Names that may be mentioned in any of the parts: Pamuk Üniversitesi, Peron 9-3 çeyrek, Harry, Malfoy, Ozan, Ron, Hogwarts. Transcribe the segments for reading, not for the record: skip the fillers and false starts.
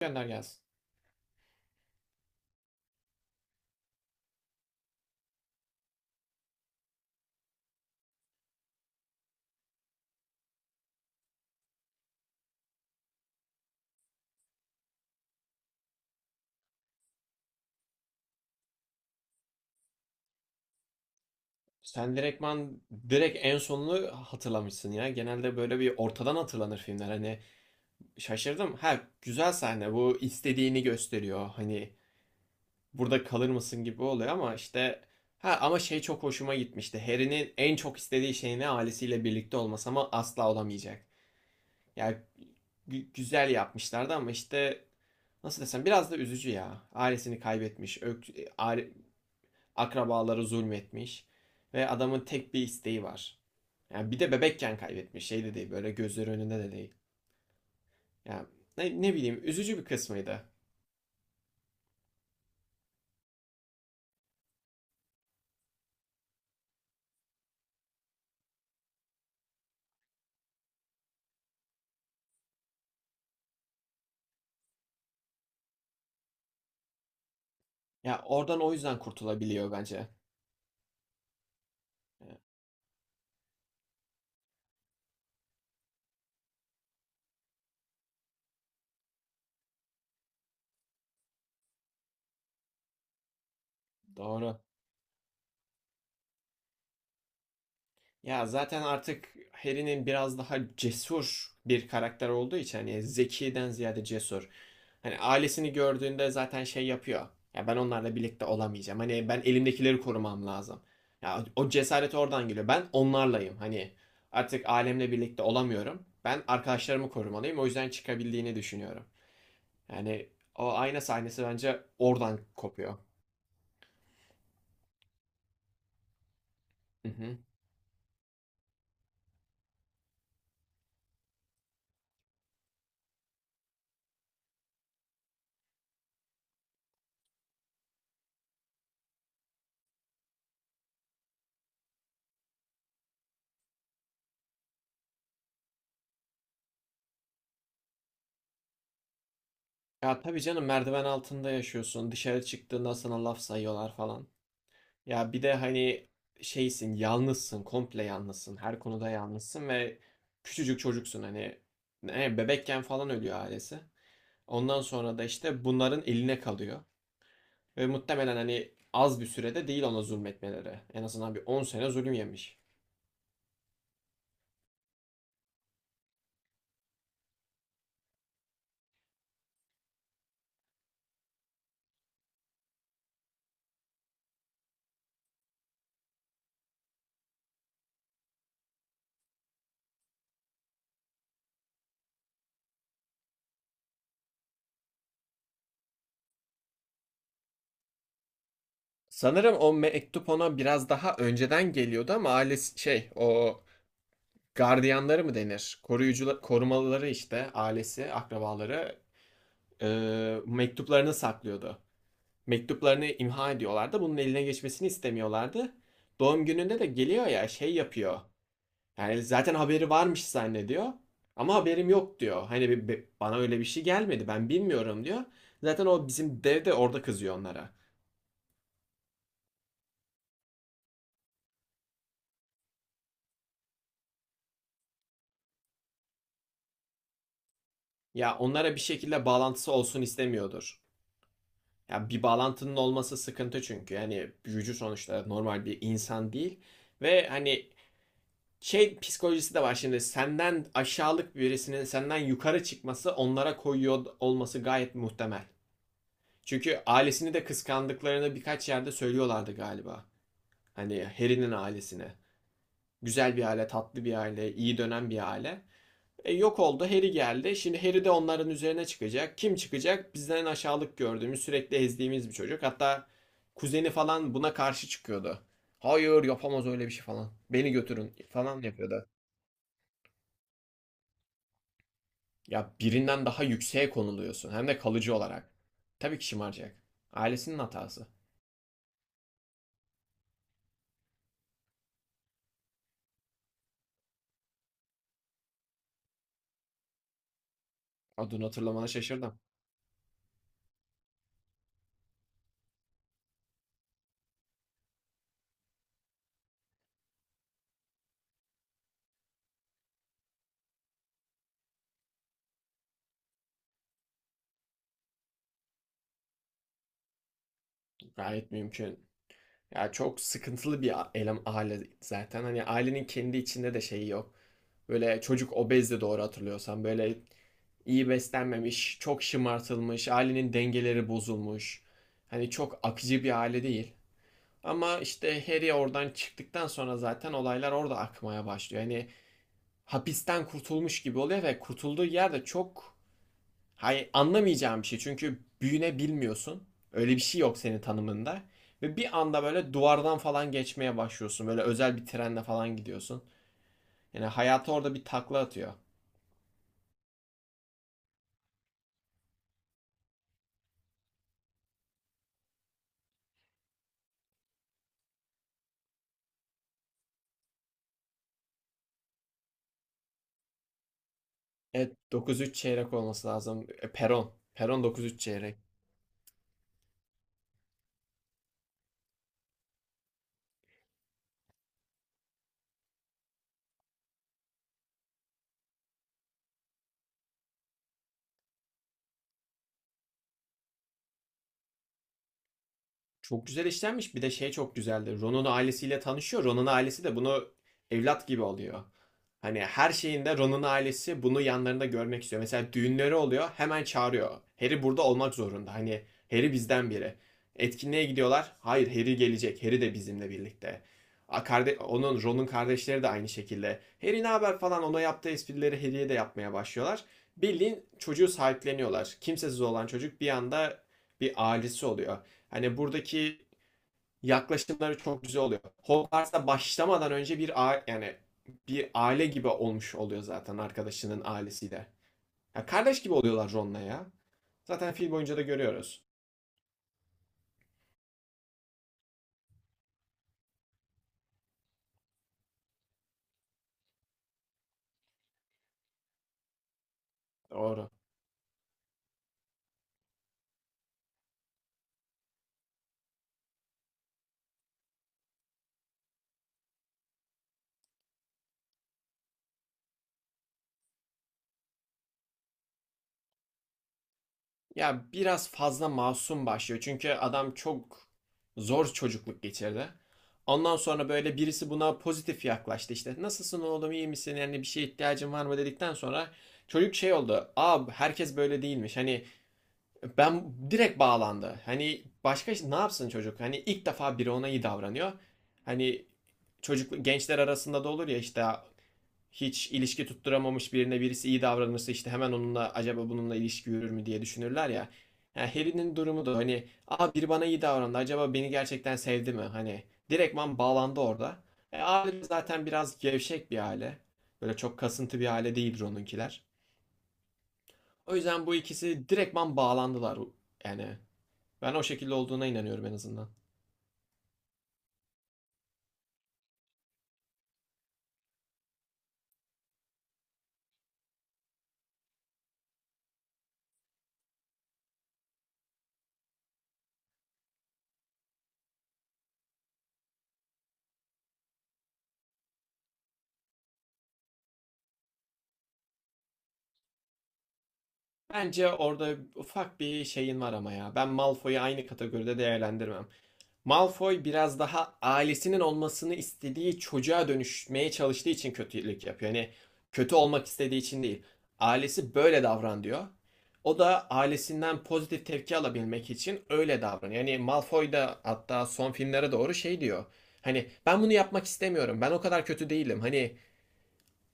Gönder gelsin. Sen direkt en sonunu hatırlamışsın ya. Genelde böyle bir ortadan hatırlanır filmler. Hani şaşırdım. Ha, güzel sahne bu, istediğini gösteriyor. Hani burada kalır mısın gibi oluyor ama işte ha ama şey çok hoşuma gitmişti. Harry'nin en çok istediği şey ne? Ailesiyle birlikte olması ama asla olamayacak. Yani güzel yapmışlardı ama işte nasıl desem biraz da üzücü ya. Ailesini kaybetmiş. Aile- Akrabaları zulmetmiş. Ve adamın tek bir isteği var. Yani bir de bebekken kaybetmiş. Şey de değil, böyle gözleri önünde de değil. Yani ne bileyim, üzücü bir kısmıydı. Ya oradan o yüzden kurtulabiliyor bence. Ya, doğru. Ya zaten artık Harry'nin biraz daha cesur bir karakter olduğu için hani zekiden ziyade cesur. Hani ailesini gördüğünde zaten şey yapıyor. Ya ben onlarla birlikte olamayacağım. Hani ben elimdekileri korumam lazım. Ya o cesaret oradan geliyor. Ben onlarlayım. Hani artık ailemle birlikte olamıyorum. Ben arkadaşlarımı korumalıyım. O yüzden çıkabildiğini düşünüyorum. Yani o ayna sahnesi bence oradan kopuyor. Hı hı. Ya tabii canım, merdiven altında yaşıyorsun. Dışarı çıktığında sana laf sayıyorlar falan. Ya bir de hani şeysin, yalnızsın, komple yalnızsın, her konuda yalnızsın ve küçücük çocuksun, hani ne, bebekken falan ölüyor ailesi. Ondan sonra da işte bunların eline kalıyor ve muhtemelen hani az bir sürede değil ona zulmetmeleri. En azından bir 10 sene zulüm yemiş. Sanırım o mektup ona biraz daha önceden geliyordu ama ailesi şey, o gardiyanları mı denir? Koruyucular, korumalıları işte ailesi, akrabaları e, mektuplarını saklıyordu. Mektuplarını imha ediyorlardı. Bunun eline geçmesini istemiyorlardı. Doğum gününde de geliyor ya, şey yapıyor. Yani zaten haberi varmış zannediyor. Ama haberim yok diyor. Hani bana öyle bir şey gelmedi, ben bilmiyorum diyor. Zaten o bizim dev de orada kızıyor onlara. Ya onlara bir şekilde bağlantısı olsun istemiyordur. Ya bir bağlantının olması sıkıntı çünkü. Yani büyücü sonuçta normal bir insan değil. Ve hani şey psikolojisi de var, şimdi senden aşağılık birisinin senden yukarı çıkması onlara koyuyor olması gayet muhtemel. Çünkü ailesini de kıskandıklarını birkaç yerde söylüyorlardı galiba. Hani Harry'nin ailesine. Güzel bir aile, tatlı bir aile, iyi dönen bir aile. Yok oldu, Harry geldi. Şimdi Harry de onların üzerine çıkacak. Kim çıkacak? Bizden aşağılık gördüğümüz, sürekli ezdiğimiz bir çocuk. Hatta kuzeni falan buna karşı çıkıyordu. Hayır, yapamaz öyle bir şey falan. Beni götürün falan yapıyordu. Ya birinden daha yükseğe konuluyorsun, hem de kalıcı olarak. Tabii ki şımaracak. Ailesinin hatası. Adını hatırlamana şaşırdım. Gayet mümkün. Ya çok sıkıntılı bir elem aile zaten. Hani ailenin kendi içinde de şeyi yok. Böyle çocuk obezdi, doğru hatırlıyorsam. Böyle iyi beslenmemiş, çok şımartılmış, ailenin dengeleri bozulmuş. Hani çok akıcı bir aile değil. Ama işte Harry oradan çıktıktan sonra zaten olaylar orada akmaya başlıyor. Hani hapisten kurtulmuş gibi oluyor ve kurtulduğu yerde çok, hay anlamayacağım bir şey. Çünkü büyünebilmiyorsun. Öyle bir şey yok senin tanımında. Ve bir anda böyle duvardan falan geçmeye başlıyorsun. Böyle özel bir trenle falan gidiyorsun. Yani hayatı orada bir takla atıyor. Evet, 9-3 çeyrek olması lazım. Peron. Peron 9-3 çeyrek. Çok güzel işlenmiş. Bir de şey çok güzeldi. Ron'un ailesiyle tanışıyor. Ron'un ailesi de bunu evlat gibi alıyor. Hani her şeyinde Ron'un ailesi bunu yanlarında görmek istiyor. Mesela düğünleri oluyor, hemen çağırıyor. Harry burada olmak zorunda. Hani Harry bizden biri. Etkinliğe gidiyorlar. Hayır, Harry gelecek. Harry de bizimle birlikte. Onun, Ron'un kardeşleri de aynı şekilde. Harry ne haber falan, ona yaptığı esprileri Harry'ye de yapmaya başlıyorlar. Bildiğin çocuğu sahipleniyorlar. Kimsesiz olan çocuk bir anda bir ailesi oluyor. Hani buradaki yaklaşımları çok güzel oluyor. Hogwarts'a başlamadan önce bir a yani bir aile gibi olmuş oluyor zaten arkadaşının ailesiyle. Ya kardeş gibi oluyorlar Ron'la ya. Zaten film boyunca da görüyoruz. Doğru. Ya biraz fazla masum başlıyor. Çünkü adam çok zor çocukluk geçirdi. Ondan sonra böyle birisi buna pozitif yaklaştı işte. Nasılsın oğlum, iyi misin? Yani bir şeye ihtiyacın var mı dedikten sonra çocuk şey oldu. Aa, herkes böyle değilmiş. Hani ben, direkt bağlandı. Hani başka ne yapsın çocuk? Hani ilk defa biri ona iyi davranıyor. Hani çocuk, gençler arasında da olur ya işte hiç ilişki tutturamamış birine birisi iyi davranırsa işte hemen onunla acaba bununla ilişki yürür mü diye düşünürler ya. Yani Harry'nin durumu da hani, aa biri bana iyi davrandı, acaba beni gerçekten sevdi mi? Hani direktman bağlandı orada. Aile zaten biraz gevşek bir aile. Böyle çok kasıntı bir aile değildir onunkiler. O yüzden bu ikisi direktman bağlandılar yani. Ben o şekilde olduğuna inanıyorum en azından. Bence orada ufak bir şeyin var ama ya. Ben Malfoy'u aynı kategoride değerlendirmem. Malfoy biraz daha ailesinin olmasını istediği çocuğa dönüşmeye çalıştığı için kötülük yapıyor. Yani kötü olmak istediği için değil. Ailesi böyle davran diyor. O da ailesinden pozitif tepki alabilmek için öyle davranıyor. Yani Malfoy da hatta son filmlere doğru şey diyor. Hani ben bunu yapmak istemiyorum. Ben o kadar kötü değilim. Hani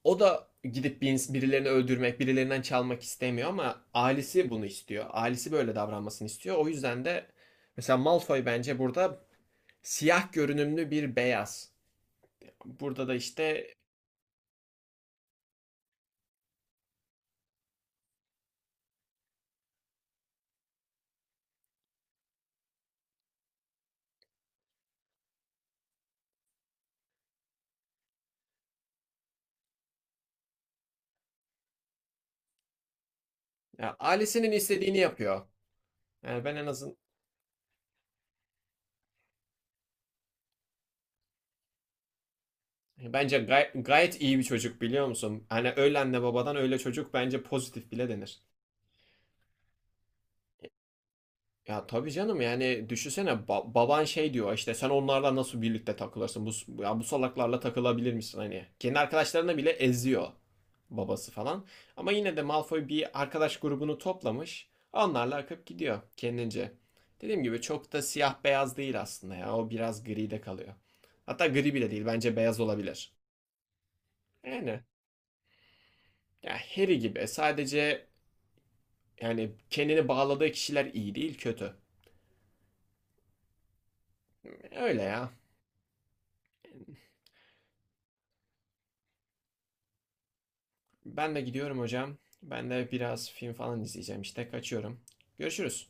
o da gidip bir birilerini öldürmek, birilerinden çalmak istemiyor ama ailesi bunu istiyor. Ailesi böyle davranmasını istiyor. O yüzden de mesela Malfoy bence burada siyah görünümlü bir beyaz. Burada da işte ya, ailesinin istediğini yapıyor. Yani ben en azından bence gayet iyi bir çocuk, biliyor musun? Hani öyle anne babadan öyle çocuk, bence pozitif bile denir. Ya tabii canım, yani düşünsene, baban şey diyor işte sen onlarla nasıl birlikte takılırsın, bu ya bu salaklarla takılabilir misin, hani kendi arkadaşlarına bile eziyor babası falan ama yine de Malfoy bir arkadaş grubunu toplamış, onlarla akıp gidiyor kendince. Dediğim gibi çok da siyah beyaz değil aslında ya, o biraz gri de kalıyor. Hatta gri bile değil, bence beyaz olabilir. Yani ya Harry gibi sadece, yani kendini bağladığı kişiler iyi değil, kötü. Öyle ya. Ben de gidiyorum hocam. Ben de biraz film falan izleyeceğim işte. Kaçıyorum. Görüşürüz.